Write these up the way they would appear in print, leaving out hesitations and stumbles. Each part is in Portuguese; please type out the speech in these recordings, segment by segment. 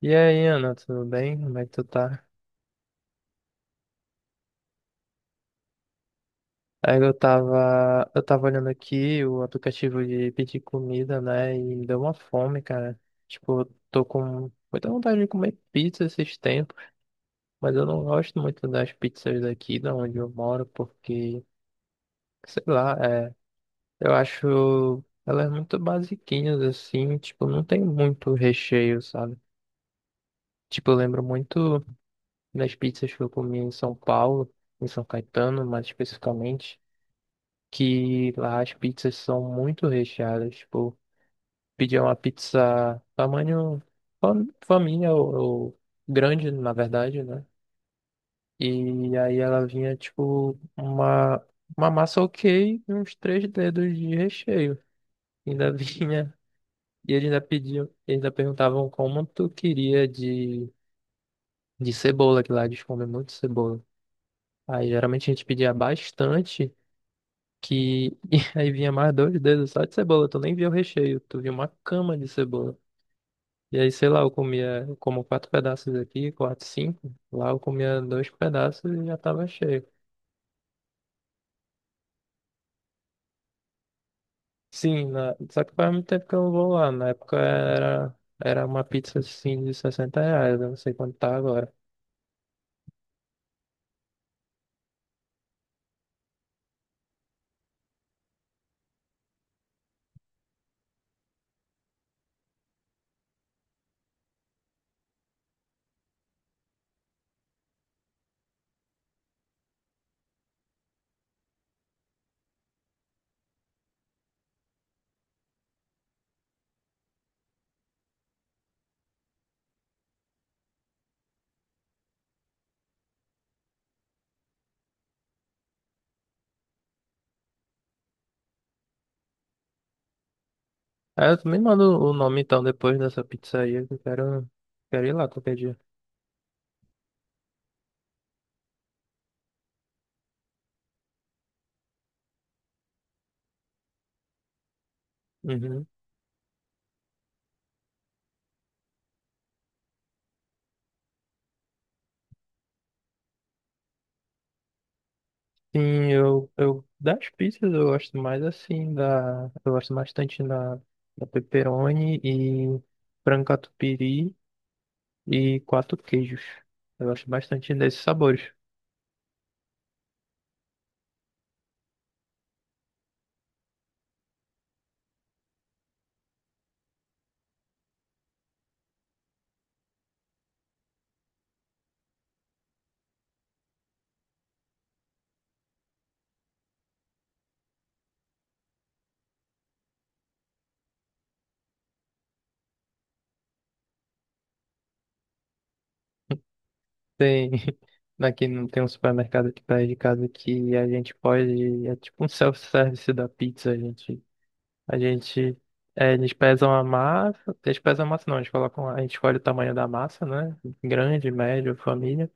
E aí, Ana, tudo bem? Como é que tu tá? Aí eu tava olhando aqui o aplicativo de pedir comida, né? E me deu uma fome, cara. Tipo, eu tô com muita vontade de comer pizza esses tempos, mas eu não gosto muito das pizzas daqui, da onde eu moro, porque, sei lá, eu acho elas muito basiquinhas, assim, tipo, não tem muito recheio, sabe? Tipo, eu lembro muito das pizzas que eu comi em São Paulo, em São Caetano, mais especificamente. Que lá as pizzas são muito recheadas. Tipo, pedir uma pizza tamanho família, ou grande, na verdade, né? E aí ela vinha, tipo, uma massa ok e uns três dedos de recheio. Ainda vinha. E eles ainda pediam, eles ainda perguntavam como tu queria de cebola, que lá eles comem muito cebola. Aí geralmente a gente pedia bastante. Que e aí vinha mais dois dedos só de cebola, tu nem via o recheio, tu via uma cama de cebola. E aí, sei lá, eu comia, eu como quatro pedaços aqui, quatro, cinco, lá eu comia dois pedaços e já tava cheio. Sim, na- só que faz muito tempo que eu não vou lá, na época era uma pizza assim de 60 reais, eu não sei quanto tá agora. Aí eu também mando o nome então depois dessa pizzaria, que eu quero ir lá qualquer dia. Uhum. Sim, eu das pizzas eu gosto mais assim da eu gosto bastante da, da pepperoni e frango catupiry e quatro queijos. Eu gosto bastante desses sabores. Tem aqui não tem um supermercado aqui perto de casa que a gente pode é tipo um self-service da pizza, a gente é, eles pesam a massa, eles pesam a massa não, eles colocam a gente escolhe o tamanho da massa, né? Grande, médio, família.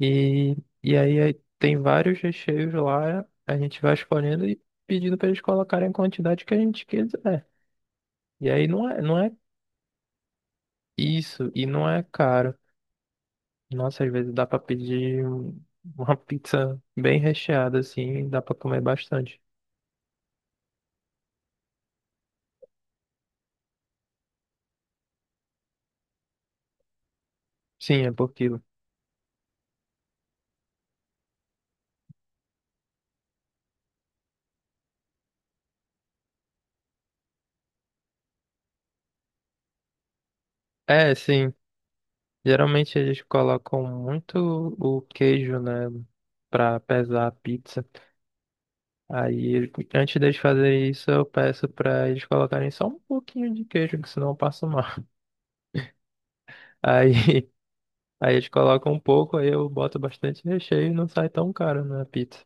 E, e aí tem vários recheios lá, a gente vai escolhendo e pedindo para eles colocarem a quantidade que a gente quiser. E aí não é isso, e não é caro. Nossa, às vezes dá para pedir uma pizza bem recheada assim, dá para comer bastante. Sim, é por quilo. É, sim. Geralmente eles colocam muito o queijo, né, para pesar a pizza. Aí, antes deles fazerem isso, eu peço pra eles colocarem só um pouquinho de queijo, que senão eu passo mal. Aí, aí eles colocam um pouco, aí eu boto bastante recheio e não sai tão caro na pizza.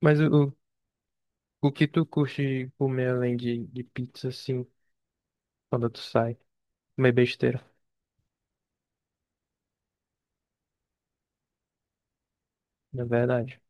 Mas o que tu curte comer além de pizza, assim, quando tu sai? Comer besteira, na verdade.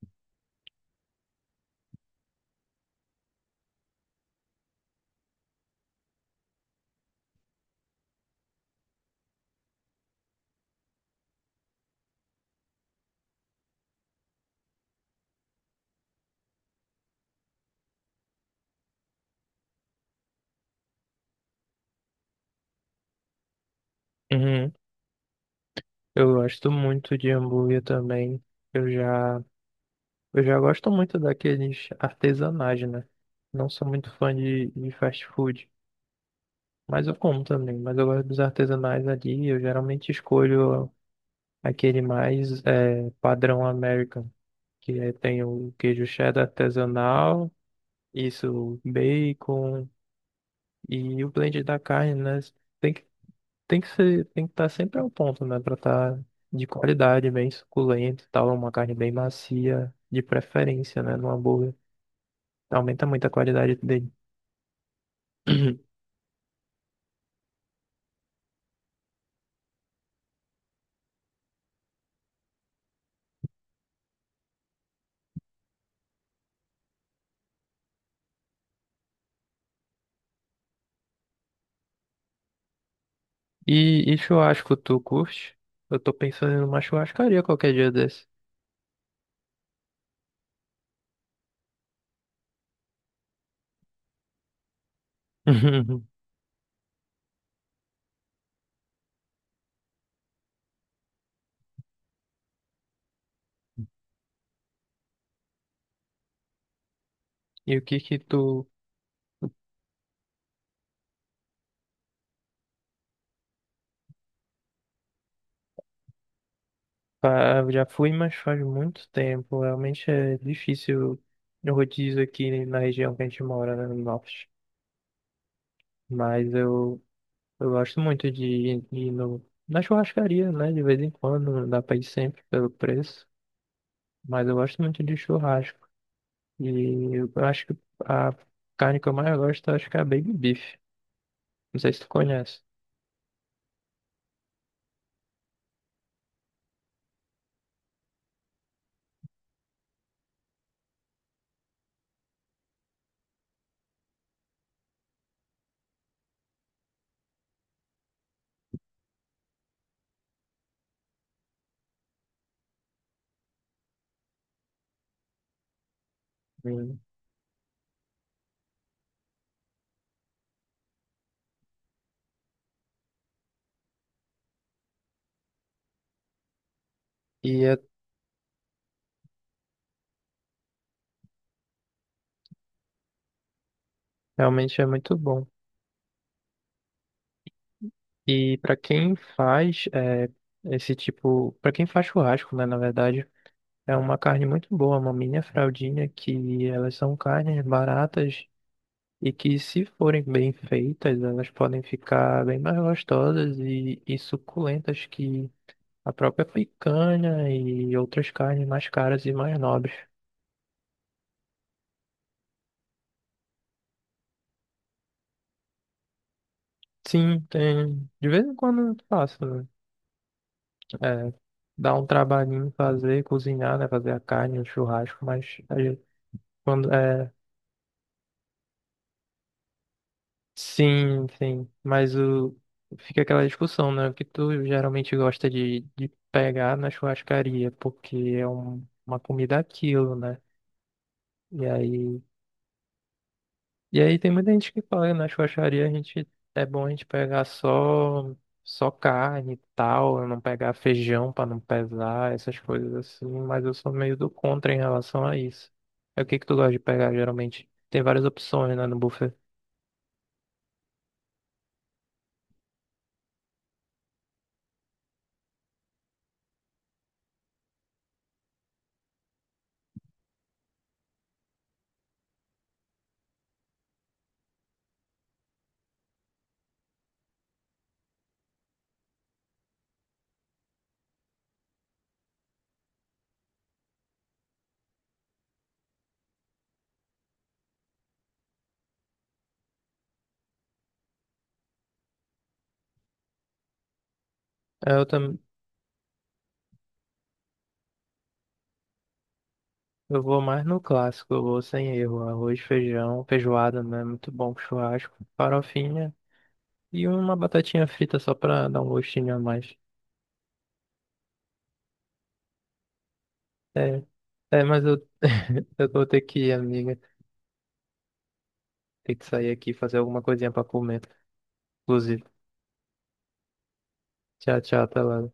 Uhum. Eu gosto muito de hambúrguer também. Eu já Eu já gosto muito daqueles artesanais, né? Não sou muito fã de fast food, mas eu como também. Mas eu gosto dos artesanais ali. Eu geralmente escolho aquele mais padrão American, que é, tem o queijo cheddar artesanal, isso, bacon e o blend da carne, né? Tem que, tem que ser, tem que estar sempre ao ponto, né? Pra estar de qualidade, bem suculento e tal, uma carne bem macia, de preferência, né? No hambúrguer. Aumenta muito a qualidade dele. Uhum. E churrasco, tu curte? Eu tô pensando em uma churrascaria qualquer dia desse. Uhum. E o que que tu... Já fui, mas faz muito tempo. Realmente é difícil o rodízio aqui na região que a gente mora, né, no norte. Mas eu gosto muito de ir no, na churrascaria, né? De vez em quando, não dá pra ir sempre pelo preço. Mas eu gosto muito de churrasco. E eu acho que a carne que eu mais gosto, eu acho que é a baby beef. Não sei se tu conhece. E é- Realmente é muito bom. E para quem faz é, esse tipo, para quem faz churrasco, né, na verdade, é uma carne muito boa, uma maminha, fraldinha, que elas são carnes baratas e que se forem bem feitas, elas podem ficar bem mais gostosas e suculentas que a própria picanha e outras carnes mais caras e mais nobres. Sim, tem. De vez em quando eu faço, né? É, dá um trabalhinho fazer, cozinhar, né? Fazer a carne, o churrasco, mas a gente- quando é, sim, sim, mas o fica aquela discussão, né? O que tu geralmente gosta de pegar na churrascaria, porque é uma comida aquilo, né? E aí E aí tem muita gente que fala, na churrascaria a gente é bom a gente pegar só carne e tal, não pegar feijão pra não pesar, essas coisas assim, mas eu sou meio do contra em relação a isso. É o que que tu gosta de pegar geralmente? Tem várias opções, né, no buffet. É, eu também eu vou mais no clássico, eu vou sem erro, arroz, feijão, feijoada, né, muito bom com churrasco, farofinha e uma batatinha frita só pra dar um gostinho a mais. É, é, mas eu eu vou ter que ir, amiga. Tem que sair aqui e fazer alguma coisinha pra comer. Inclusive. Tchau, tchau, até lá.